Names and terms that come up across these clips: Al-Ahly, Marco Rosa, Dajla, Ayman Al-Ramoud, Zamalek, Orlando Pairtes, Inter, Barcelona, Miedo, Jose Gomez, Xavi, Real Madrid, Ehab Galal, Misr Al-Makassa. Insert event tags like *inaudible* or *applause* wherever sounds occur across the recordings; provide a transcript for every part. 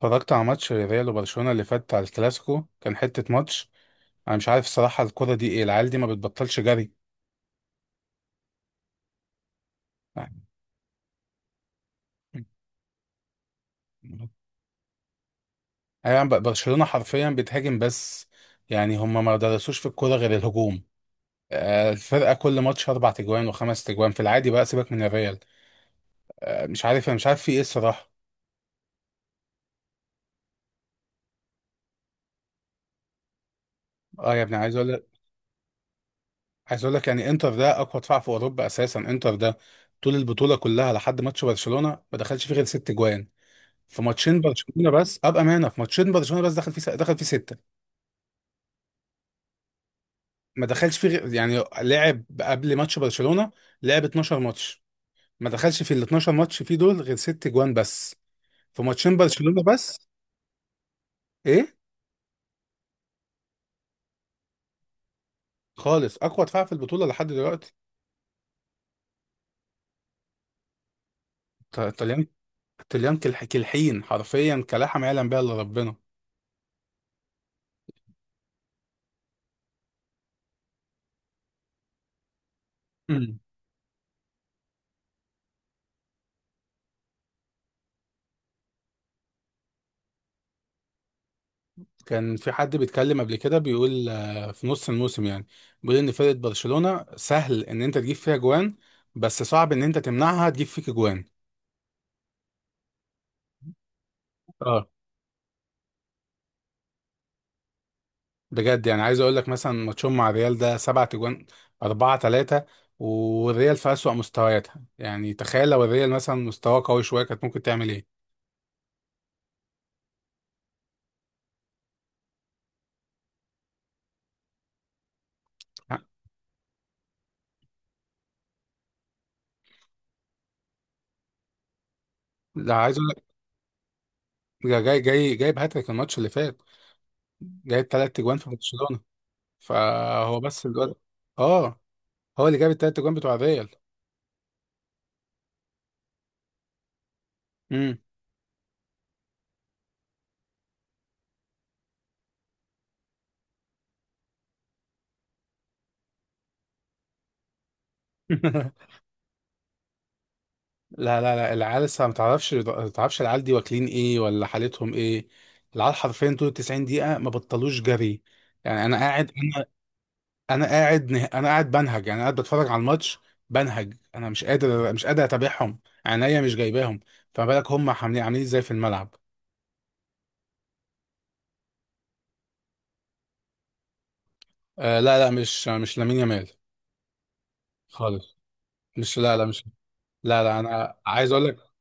اتفرجت على ماتش ريال وبرشلونة اللي فات على الكلاسيكو، كان حتة ماتش. انا مش عارف الصراحة الكرة دي ايه، العيال دي ما بتبطلش جري. *laughs* يعني يعني برشلونة حرفيا بتهاجم بس. يعني هم ما درسوش في الكرة غير الهجوم. الفرقة كل ماتش اربع تجوان وخمس تجوان في العادي، بقى سيبك من الريال. مش عارف، انا مش عارف في ايه الصراحة. اه يا ابني، عايز اقول لك، يعني انتر ده اقوى دفاع في اوروبا اساسا، انتر ده طول البطولة كلها لحد ماتش برشلونة ما دخلش فيه غير ست جوان. في ماتشين برشلونه بس، ابقى مانا في ماتشين برشلونه بس دخل فيه، سته. ما دخلش فيه غير- يعني لعب قبل ماتش برشلونه، لعب 12 ماتش، ما دخلش في ال 12 ماتش فيه دول غير ست جوان بس، في ماتشين برشلونه بس. ايه خالص، اقوى دفاع في البطوله لحد دلوقتي. طليان، كالحين حرفيا كلحم يعلم بها الا ربنا. كان في حد بيتكلم قبل كده بيقول في نص الموسم، يعني بيقول ان فرقة برشلونة سهل ان انت تجيب فيها جوان بس صعب ان انت تمنعها تجيب فيك جوان. اه بجد، يعني عايز اقول لك مثلا ماتشهم مع الريال ده سبعة جوان، أربعة تلاتة. والريال في أسوأ مستوياتها، يعني تخيل لو الريال مثلا مستواه قوي شوية كانت ممكن تعمل ايه. لا عايز اقول لك، جاي جايب هاتريك الماتش اللي فات، جايب تلات جوان في برشلونة. فهو بس الواد. اه، هو اللي جاب التلات جوان بتوع الريال. امم. *laughs* لا، العيال لسه ما تعرفش العيال دي واكلين ايه ولا حالتهم ايه. العيال حرفيا طول 90 دقيقة ما بطلوش جري. يعني انا قاعد بنهج، يعني قاعد بتفرج على الماتش بنهج، انا مش قادر اتابعهم، عينيا مش جايباهم. فما بالك هم عاملين ازاي في الملعب. آه لا لا مش مش لامين يامال خالص، مش لا لا مش لا لا انا عايز اقول لك،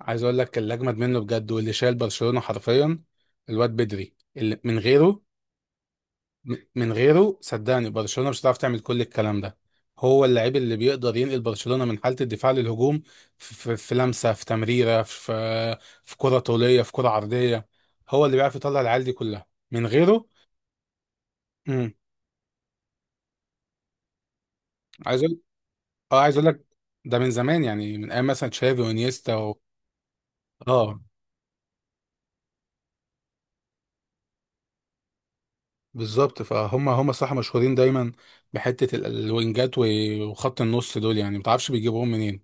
اللي اجمد منه بجد واللي شايل برشلونة حرفيا الواد بدري، اللي من غيره، من غيره صدقني برشلونة مش هتعرف تعمل كل الكلام ده. هو اللاعب اللي بيقدر ينقل برشلونة من حالة الدفاع للهجوم، في لمسة، في تمريرة، في كرة طولية، في كرة عرضية. هو اللي بيعرف يطلع العيال دي كلها من غيره. امم. عايز اقول، اه عايز اقول لك، ده من زمان، يعني من ايام مثلا تشافي وانيستا و... اه بالظبط. فهم هم صح مشهورين دايما بحتة الوينجات وخط النص دول، يعني ما تعرفش بيجيبوهم منين.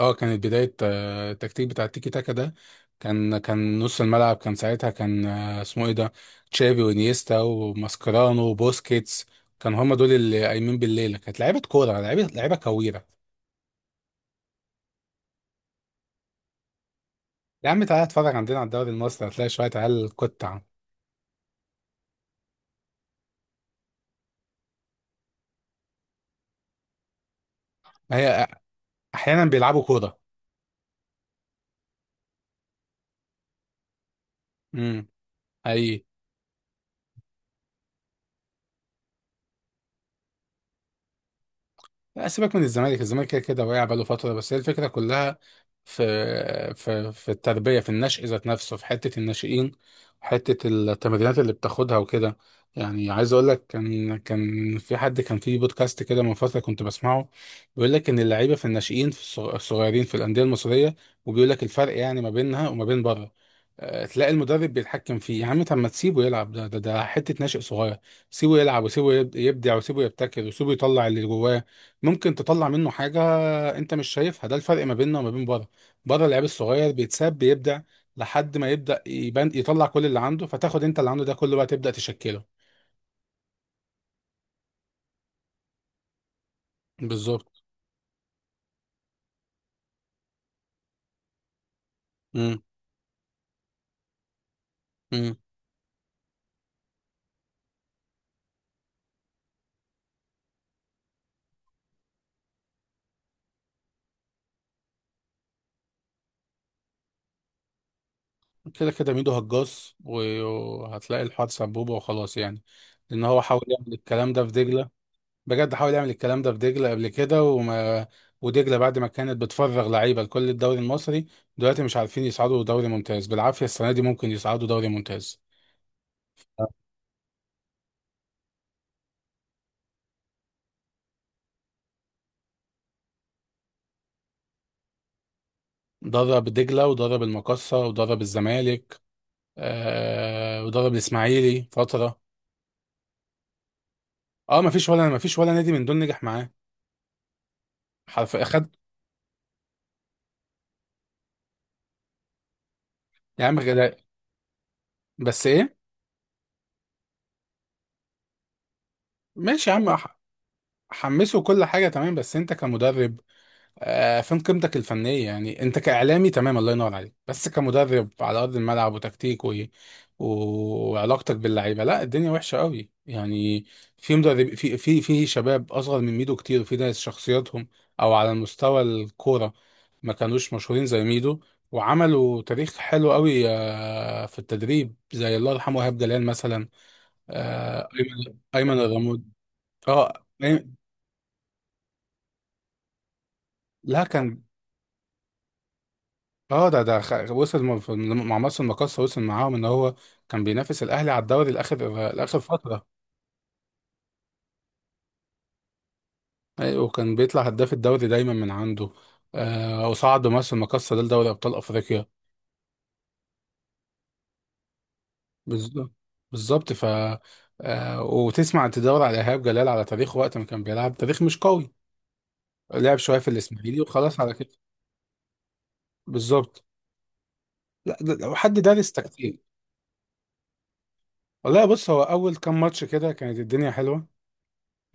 اه كانت بداية التكتيك بتاع التيكي تاكا ده. كان كان نص الملعب كان ساعتها، كان آه، اسمه ايه ده، تشافي وانيستا وماسكرانو وبوسكيتس. كان هما دول اللي قايمين بالليلة، كانت لعيبة كورة، لعيبة كويرة. يا عم تعالى اتفرج عندنا على الدوري المصري، هتلاقي شوية عيال قطع. ما هي أحيانا بيلعبوا كورة. امم. لا سيبك من الزمالك، الزمالك كده كده واقع بقاله فترة، بس هي الفكرة كلها في التربية، في النشء ذات نفسه، في حتة الناشئين، حتة التمرينات اللي بتاخدها وكده. يعني عايز اقول لك، كان في حد كان في بودكاست كده من فترة كنت بسمعه، بيقول لك ان اللعيبة في الناشئين في الصغيرين في الأندية المصرية، وبيقول لك الفرق يعني ما بينها وما بين بره. تلاقي المدرب بيتحكم فيه، يا عم طب ما تسيبه يلعب، ده حتة ناشئ صغير، سيبه يلعب وسيبه يبدع وسيبه يبتكر وسيبه يطلع اللي جواه، ممكن تطلع منه حاجة انت مش شايفها. ده الفرق ما بيننا وما بين بره، بره اللعيب الصغير بيتساب بيبدع لحد ما يبدأ يبان يطلع كل اللي عنده، فتاخد انت اللي عنده ده كله بقى تبدأ تشكله. بالظبط. امم. امم. كده كده ميدو هجاص وهتلاقي الحوار سبوبة وخلاص يعني. لأن هو حاول يعمل الكلام ده في دجلة، بجد حاول يعمل الكلام ده في دجلة قبل كده، وما ودجلة بعد ما كانت بتفرغ لعيبة لكل الدوري المصري، دلوقتي مش عارفين يصعدوا دوري ممتاز بالعافية، السنة دي ممكن يصعدوا دوري ممتاز. درب دجلة ودرب المقصة ودرب الزمالك، آه ودرب الإسماعيلي فترة. اه ما فيش ولا نادي من دول نجح معاه. حرف اخد. يا عم غلا- بس ايه؟ ماشي يا عم، حمسه كل حاجة تمام بس انت كمدرب، فين قيمتك الفنية؟ يعني انت كإعلامي تمام الله ينور عليك، بس كمدرب على أرض الملعب وتكتيك و... و... وعلاقتك باللعيبة، لا الدنيا وحشة قوي يعني. في مدرب، في شباب أصغر من ميدو كتير، وفي ناس شخصياتهم أو على مستوى الكورة ما كانوش مشهورين زي ميدو، وعملوا تاريخ حلو قوي في التدريب، زي الله يرحمه إيهاب جلال مثلا، أيمن الرمود. اه. لا كان. اه ده ده خ- وصل م- في- مع مصر المقاصة، وصل معاهم ان هو كان بينافس الاهلي على الدوري لاخر، لاخر فتره. ايوه وكان بيطلع هداف الدوري دايما من عنده. آه، وصعد بمصر المقاصة ده لدوري ابطال افريقيا. بالظبط، بالظبط آه، وتسمع تدور على ايهاب جلال على تاريخه وقت ما كان بيلعب تاريخ مش قوي، لعب شويه في الاسماعيلي وخلاص على كده. بالظبط. لا ده لو حد دارس تكتيك. والله بص، هو اول كام ماتش كده كانت الدنيا حلوه،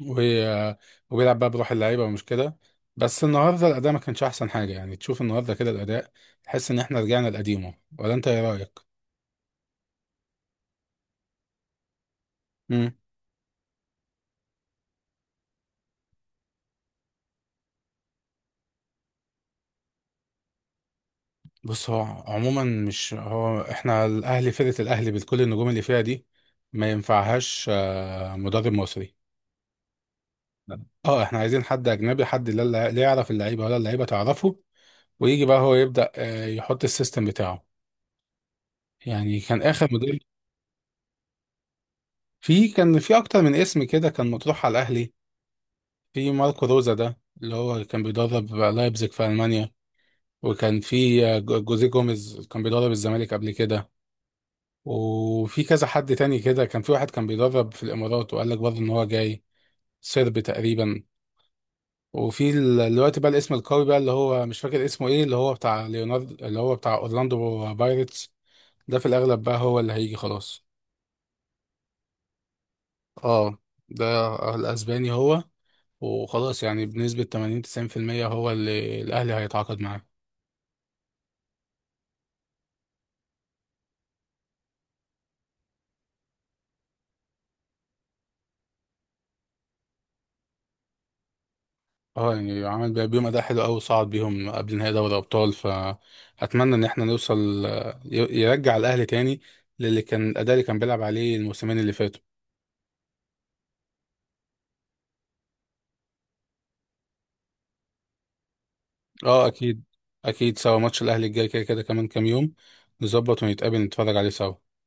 و- وبيلعب بقى بروح اللعيبه ومش كده، بس النهارده الاداء ما كانش احسن حاجه، يعني تشوف النهارده كده الاداء تحس ان احنا رجعنا لقديمه، ولا انت ايه رايك. امم. بص هو عموما، مش هو احنا الاهلي، فرقه الاهلي بكل النجوم اللي فيها دي ما ينفعهاش مدرب مصري. لا. اه احنا عايزين حد اجنبي، حد لا يعرف اللعيبه ولا اللعيبه تعرفه، ويجي بقى هو يبدا يحط السيستم بتاعه. يعني كان اخر مدرب، كان في اكتر من اسم كده كان مطروح على الاهلي. في ماركو روزا ده اللي هو كان بيدرب لايبزيج في ألمانيا، وكان في جوزيه جوميز كان بيدرب الزمالك قبل كده، وفي كذا حد تاني كده، كان في واحد كان بيدرب في الإمارات، وقال لك برضه إن هو جاي، سربي تقريبا. وفي دلوقتي بقى الاسم القوي بقى اللي هو مش فاكر اسمه إيه، اللي هو بتاع ليوناردو اللي هو بتاع أورلاندو بايرتس، ده في الأغلب بقى هو اللي هيجي خلاص. اه ده، الأسباني هو، وخلاص يعني بنسبة 80 90% هو اللي الأهلي هيتعاقد معاه. اه يعني عمل بيهم اداء حلو قوي وصعد بيهم قبل نهائي دوري ابطال، فاتمنى ان احنا نوصل، يرجع الاهلي تاني للي كان الاداء اللي كان بيلعب عليه الموسمين اللي فاتوا. اه اكيد. اكيد سوا، ماتش الاهلي الجاي كده كده كمان كام يوم، نظبط ونتقابل نتفرج عليه سوا.